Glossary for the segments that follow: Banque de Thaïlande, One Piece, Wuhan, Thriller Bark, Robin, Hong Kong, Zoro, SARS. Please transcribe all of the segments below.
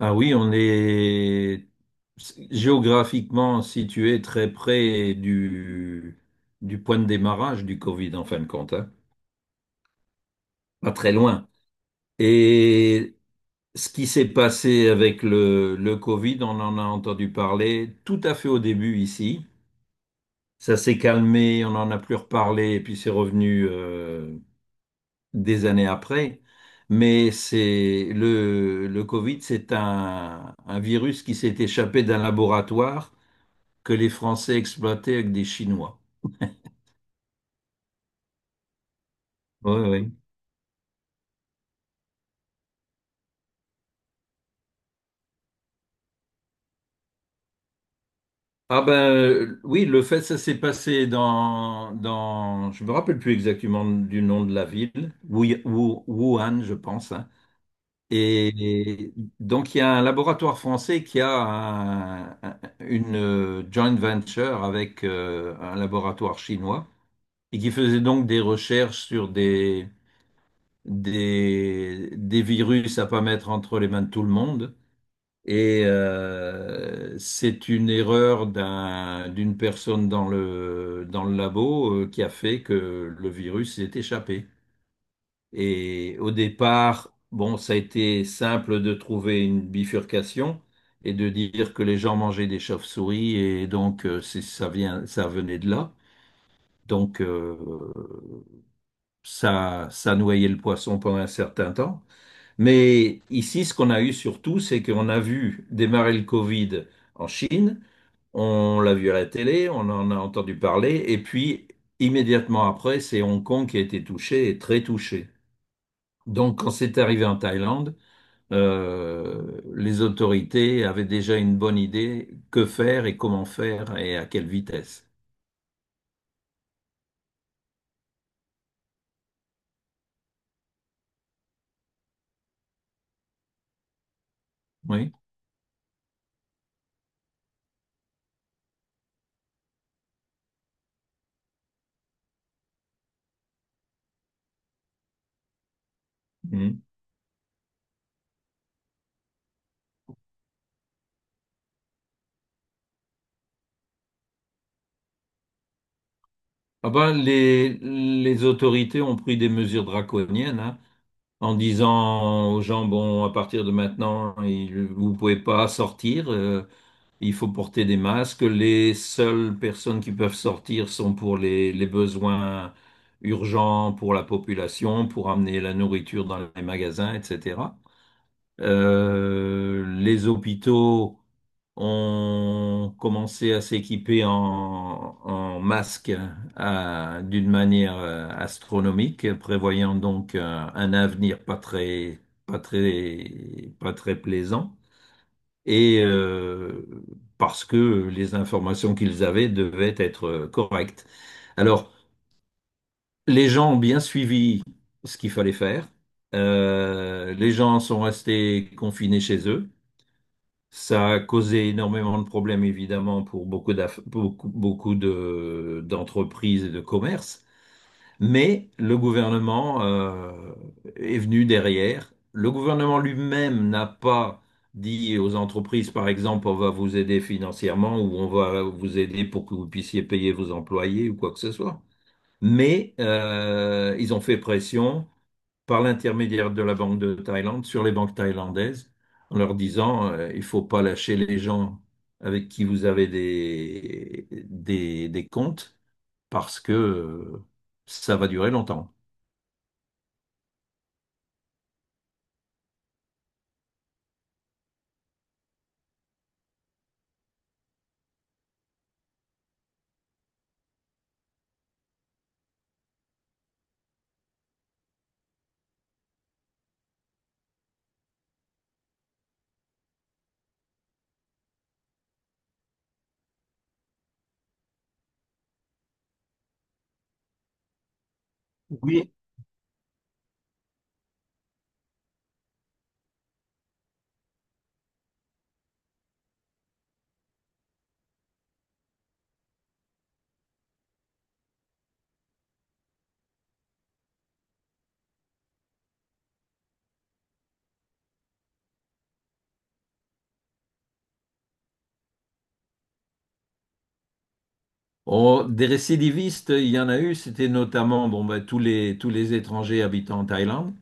Ah oui, on est géographiquement situé très près du point de démarrage du Covid, en fin de compte, hein. Pas très loin. Et ce qui s'est passé avec le Covid, on en a entendu parler tout à fait au début ici. Ça s'est calmé, on n'en a plus reparlé, et puis c'est revenu des années après. Mais c'est le Covid, c'est un virus qui s'est échappé d'un laboratoire que les Français exploitaient avec des Chinois. Oui, oui. Ah oui, le fait, ça s'est passé je me rappelle plus exactement du nom de la ville, Wuhan, je pense, hein. Et, et donc il y a un laboratoire français qui a une joint venture avec un laboratoire chinois et qui faisait donc des recherches sur des virus à pas mettre entre les mains de tout le monde. Et c'est une erreur d'une personne dans dans le labo qui a fait que le virus s'est échappé. Et au départ, bon, ça a été simple de trouver une bifurcation et de dire que les gens mangeaient des chauves-souris et donc ça vient, ça venait de là. Donc euh, ça noyait le poisson pendant un certain temps. Mais ici, ce qu'on a eu surtout, c'est qu'on a vu démarrer le Covid en Chine. On l'a vu à la télé, on en a entendu parler, et puis immédiatement après, c'est Hong Kong qui a été touché et très touché. Donc quand c'est arrivé en Thaïlande, les autorités avaient déjà une bonne idée que faire et comment faire et à quelle vitesse. Oui. Mhm. Ah ben, les autorités ont pris des mesures draconiennes, hein, en disant aux gens, bon, à partir de maintenant, vous pouvez pas sortir. Il faut porter des masques. Les seules personnes qui peuvent sortir sont pour les besoins urgents pour la population, pour amener la nourriture dans les magasins, etc. Les hôpitaux ont commencé à s'équiper en masques d'une manière astronomique, prévoyant donc un avenir pas très plaisant et parce que les informations qu'ils avaient devaient être correctes. Alors, les gens ont bien suivi ce qu'il fallait faire. Les gens sont restés confinés chez eux. Ça a causé énormément de problèmes, évidemment, pour beaucoup d'entreprises et de commerces. Mais le gouvernement est venu derrière. Le gouvernement lui-même n'a pas dit aux entreprises, par exemple, on va vous aider financièrement ou on va vous aider pour que vous puissiez payer vos employés ou quoi que ce soit. Mais ils ont fait pression par l'intermédiaire de la Banque de Thaïlande sur les banques thaïlandaises en leur disant, il faut pas lâcher les gens avec qui vous avez des comptes parce que ça va durer longtemps. Oui. Oh, des récidivistes, il y en a eu, c'était notamment bon, bah, tous les étrangers habitant en Thaïlande,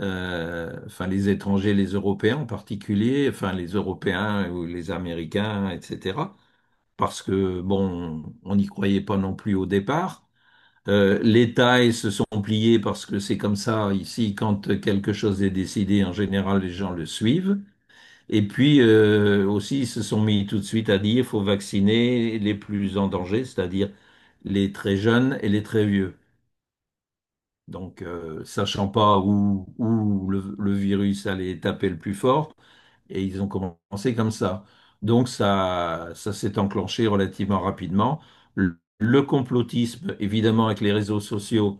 enfin les étrangers, les Européens en particulier, enfin les Européens ou les Américains, etc. Parce que, bon, on n'y croyait pas non plus au départ. Les Thaïs se sont pliés parce que c'est comme ça ici, quand quelque chose est décidé, en général, les gens le suivent. Et puis aussi, ils se sont mis tout de suite à dire, il faut vacciner les plus en danger, c'est-à-dire les très jeunes et les très vieux. Donc, sachant pas où le virus allait taper le plus fort, et ils ont commencé comme ça. Donc, ça s'est enclenché relativement rapidement. Le complotisme, évidemment, avec les réseaux sociaux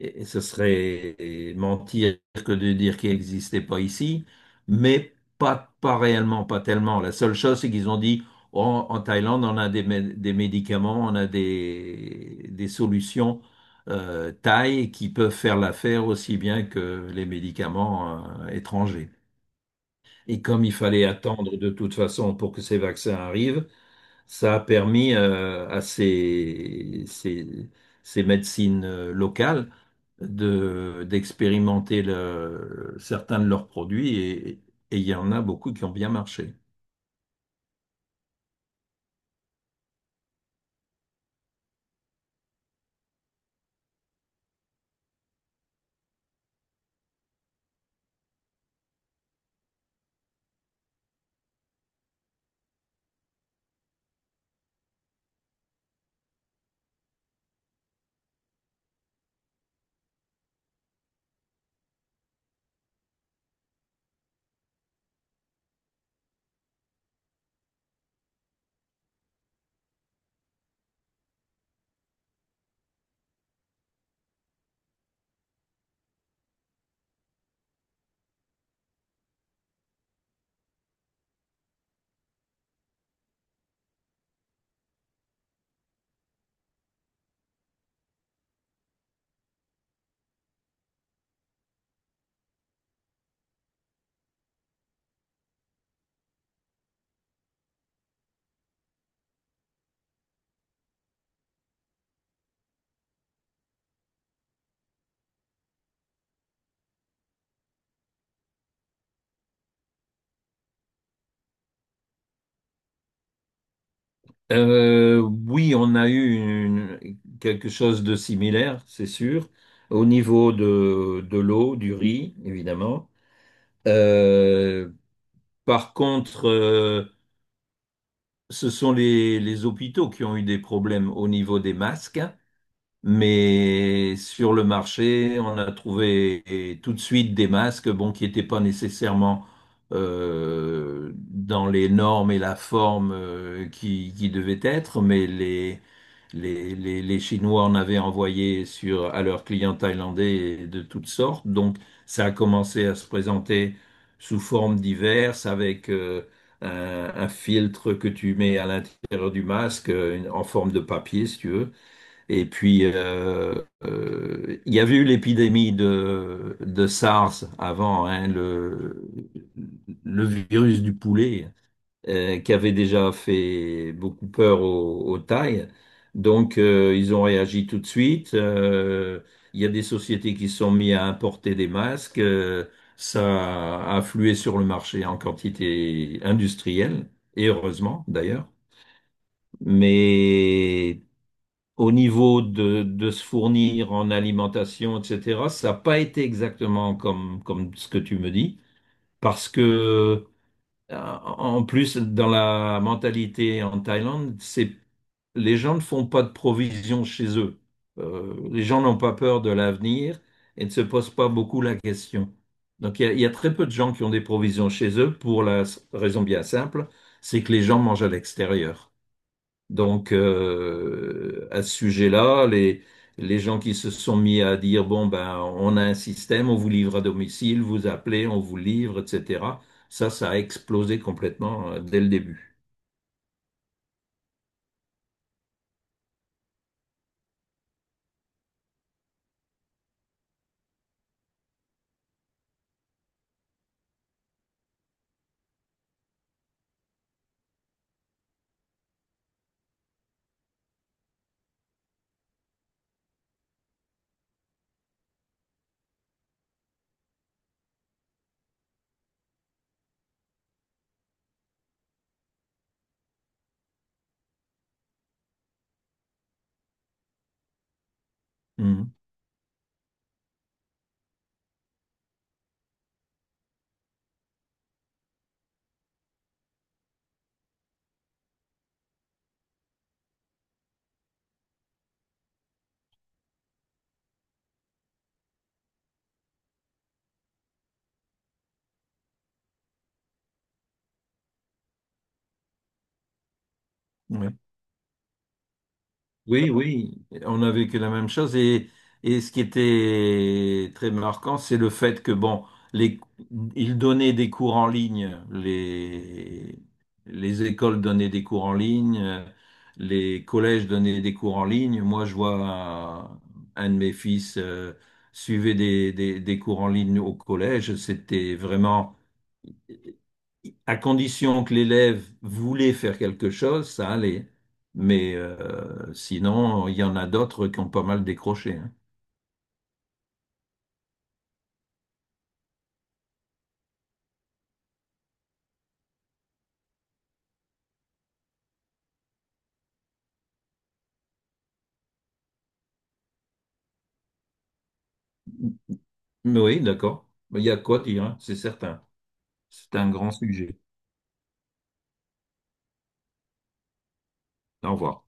et ce serait mentir que de dire qu'il n'existait pas ici, mais pas réellement, pas tellement. La seule chose, c'est qu'ils ont dit, oh, en Thaïlande, on a des médicaments, on a des solutions thaï qui peuvent faire l'affaire aussi bien que les médicaments étrangers. Et comme il fallait attendre de toute façon pour que ces vaccins arrivent, ça a permis à ces médecines locales d'expérimenter certains de leurs produits et il y en a beaucoup qui ont bien marché. Oui, on a eu quelque chose de similaire, c'est sûr, au niveau de l'eau, du riz, évidemment. Euh, par contre, ce sont les hôpitaux qui ont eu des problèmes au niveau des masques. Mais sur le marché, on a trouvé tout de suite des masques, bon, qui n'étaient pas nécessairement dans les normes et la forme qui devaient être, mais les Chinois en avaient envoyé à leurs clients thaïlandais de toutes sortes. Donc, ça a commencé à se présenter sous formes diverses avec un, un filtre que tu mets à l'intérieur du masque en forme de papier, si tu veux. Et il y avait eu l'épidémie de SARS avant, hein, le virus du poulet, qui avait déjà fait beaucoup peur aux Thaïs. Donc, ils ont réagi tout de suite. Il y a des sociétés qui se sont mises à importer des masques. Ça a afflué sur le marché en quantité industrielle, et heureusement d'ailleurs. Mais au niveau de se fournir en alimentation, etc., ça n'a pas été exactement comme ce que tu me dis, parce que en plus, dans la mentalité en Thaïlande, c'est les gens ne font pas de provisions chez eux. Les gens n'ont pas peur de l'avenir et ne se posent pas beaucoup la question. Donc il y a très peu de gens qui ont des provisions chez eux pour la raison bien simple, c'est que les gens mangent à l'extérieur. Donc, à ce sujet-là, les gens qui se sont mis à dire, bon, ben, on a un système, on vous livre à domicile, vous appelez, on vous livre, etc. Ça a explosé complètement dès le début. Mhm. Ouais. Oui, oui, on a vécu la même chose et ce qui était très marquant, c'est le fait que bon, les, ils donnaient des cours en ligne, les écoles donnaient des cours en ligne, les collèges donnaient des cours en ligne. Moi, je vois un de mes fils suivait des cours en ligne au collège. C'était vraiment à condition que l'élève voulait faire quelque chose, ça allait. Mais sinon, il y en a d'autres qui ont pas mal décroché, hein. Mais oui, d'accord. Il y a quoi dire, hein, c'est certain. C'est un grand sujet. Au revoir.